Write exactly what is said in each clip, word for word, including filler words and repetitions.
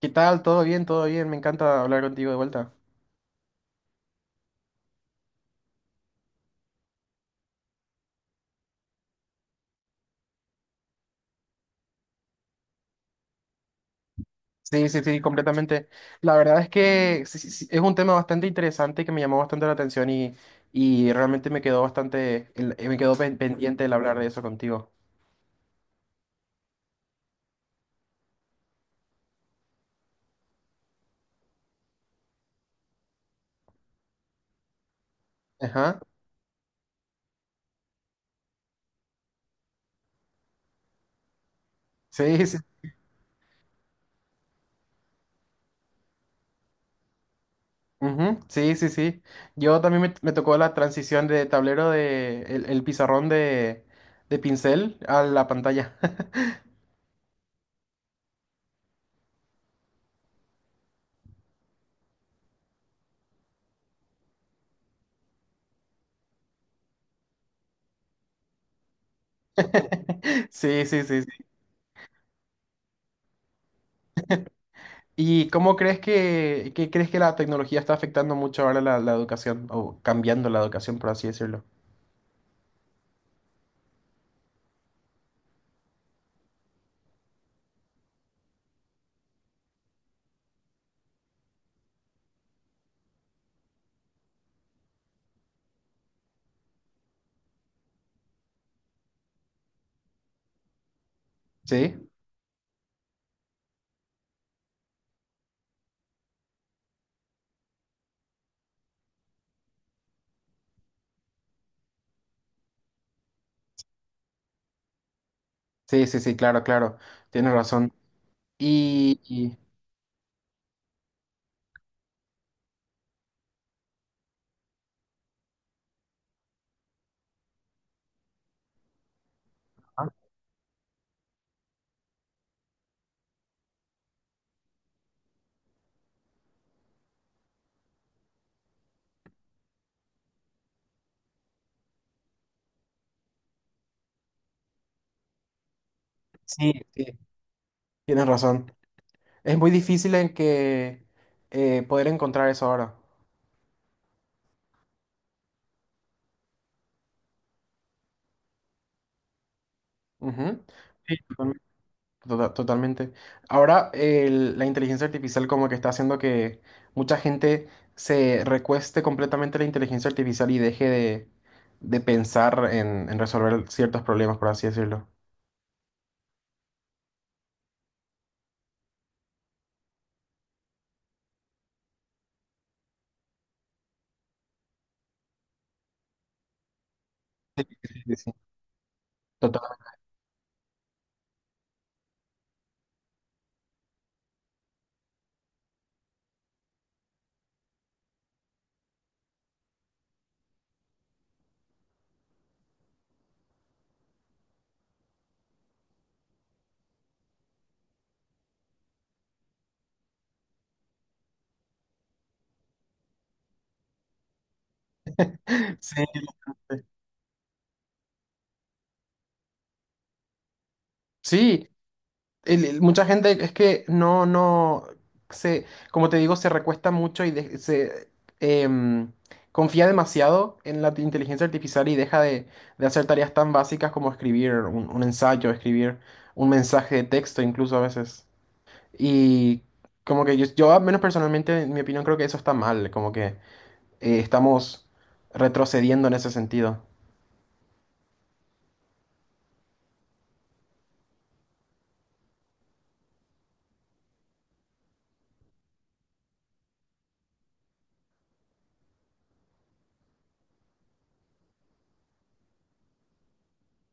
¿Qué tal? ¿Todo bien? ¿Todo bien? Me encanta hablar contigo de vuelta. Sí, sí, sí, completamente. La verdad es que sí, sí, sí, es un tema bastante interesante que me llamó bastante la atención y, y realmente me quedó bastante, el- eh, me quedó pen- pendiente el hablar de eso contigo. Ajá. Sí, sí. Ujú, sí, sí, sí. Yo también me, me tocó la transición de tablero de el, el pizarrón de, de pincel a la pantalla. Sí, sí, sí, sí. ¿Y cómo crees que, que crees que la tecnología está afectando mucho ahora la, la educación o cambiando la educación, por así decirlo? Sí, sí, sí, sí, claro, claro, tienes razón. Y, y- ah, sí, sí, tienes razón. Es muy difícil en que eh, poder encontrar eso ahora. Ujú. Sí, Tota- totalmente. Ahora el- la inteligencia artificial como que está haciendo que mucha gente se recueste completamente a la inteligencia artificial y deje de, de pensar en, en resolver ciertos problemas, por así decirlo. Sí, sí. Total. Sí. Sí, el- el- mucha gente es que no, no, se, como te digo, se recuesta mucho y de- se em, confía demasiado en la t- inteligencia artificial y deja de, de hacer tareas tan básicas como escribir un, un ensayo, escribir un mensaje de texto incluso a veces. Y como que yo, yo al menos personalmente, en mi opinión, creo que eso está mal, como que eh, estamos retrocediendo en ese sentido.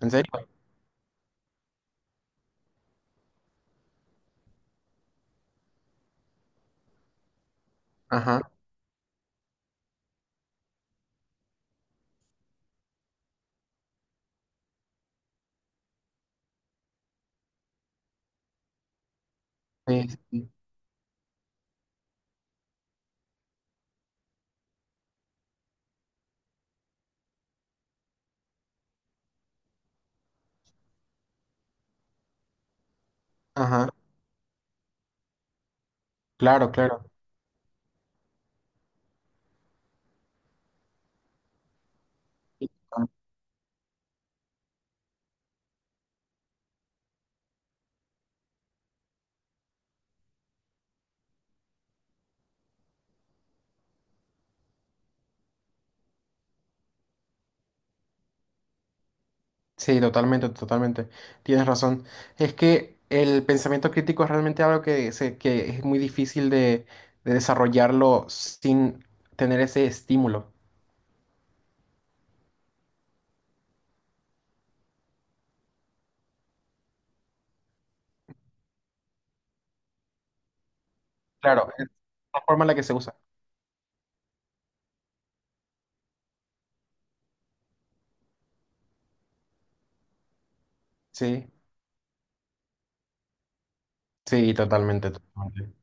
¿En serio? Ajá. Sí, sí, sí. Ajá. Claro, claro. Sí, totalmente, totalmente. Tienes razón. Es que el pensamiento crítico es realmente algo que, se- que es muy difícil de, de desarrollarlo sin tener ese estímulo. Claro, es la forma en la que se usa. Sí, sí, totalmente, totalmente.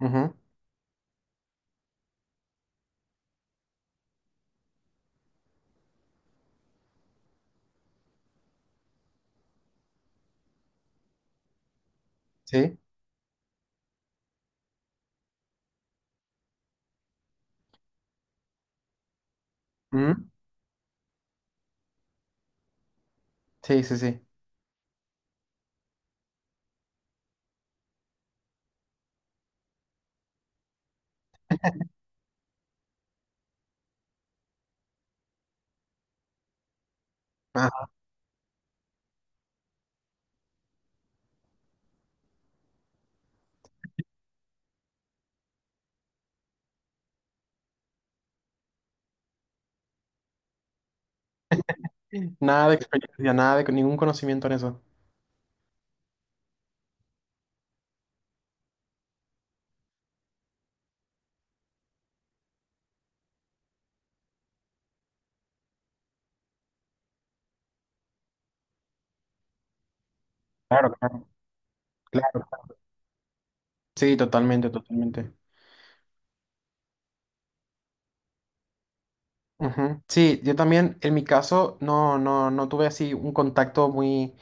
Ujú, sí, ujú, sí, sí, sí. Ajá. Nada de experiencia, nada de ningún conocimiento en eso. Claro, claro, claro. Sí, totalmente, totalmente. Ujú. Sí, yo también, en mi caso, no, no, no tuve así un contacto muy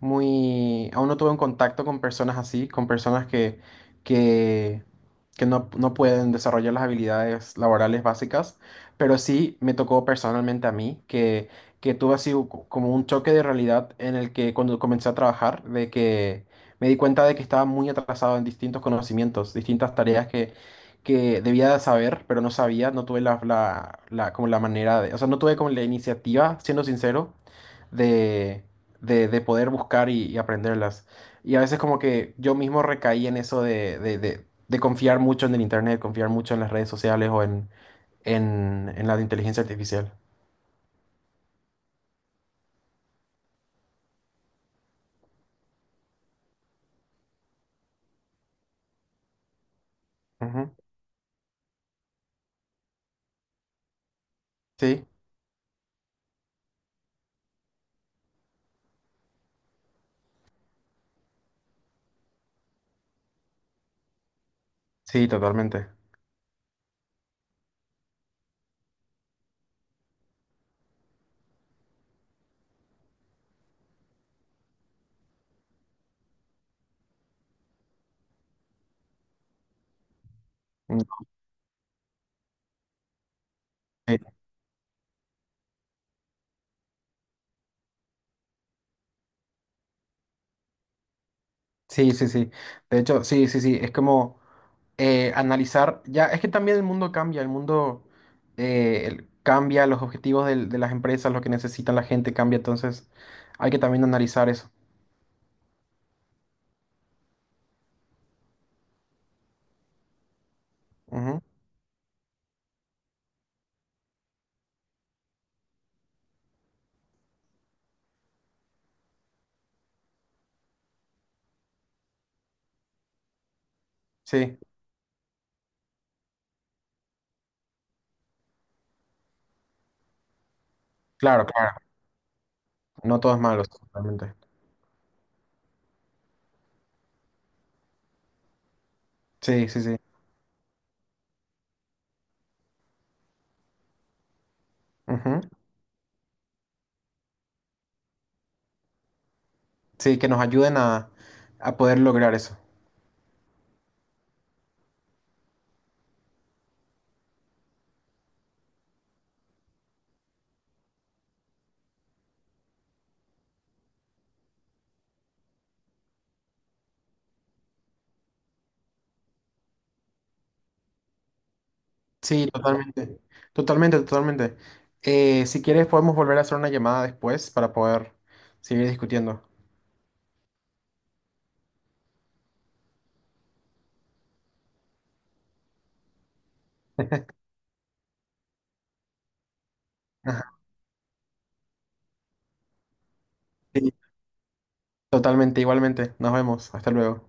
muy, aún no tuve un contacto con personas así, con personas que, que, que no, no pueden desarrollar las habilidades laborales básicas, pero sí me tocó personalmente a mí que, que tuve así u- como un choque de realidad en el que cuando comencé a trabajar, de que me di cuenta de que estaba muy atrasado en distintos conocimientos, distintas tareas que… que debía de saber, pero no sabía, no tuve la, la, la- como la manera de, o sea, no tuve como la iniciativa, siendo sincero, de, de poder buscar y, y aprenderlas. Y a veces como que yo mismo recaí en eso de, de, de- de confiar mucho en el internet, confiar mucho en las redes sociales o en, en, en la de inteligencia artificial. Ujú. Sí, sí, totalmente. Mm, eh, sí, sí, sí. De hecho, sí, sí, sí. Es como eh, analizar, ya, es que también el mundo cambia, el mundo eh, el- cambia, los objetivos del- de las empresas, lo que necesita la gente cambia, entonces hay que también analizar eso. Ujú. Sí, claro, claro. No todos malos, totalmente. Sí, sí, sí. Ujú. Sí, que nos ayuden a, a poder lograr eso. Sí, totalmente. Totalmente, totalmente. Eh, si quieres, podemos volver a hacer una llamada después para poder seguir discutiendo. Ajá. Sí, totalmente, igualmente. Nos vemos. Hasta luego.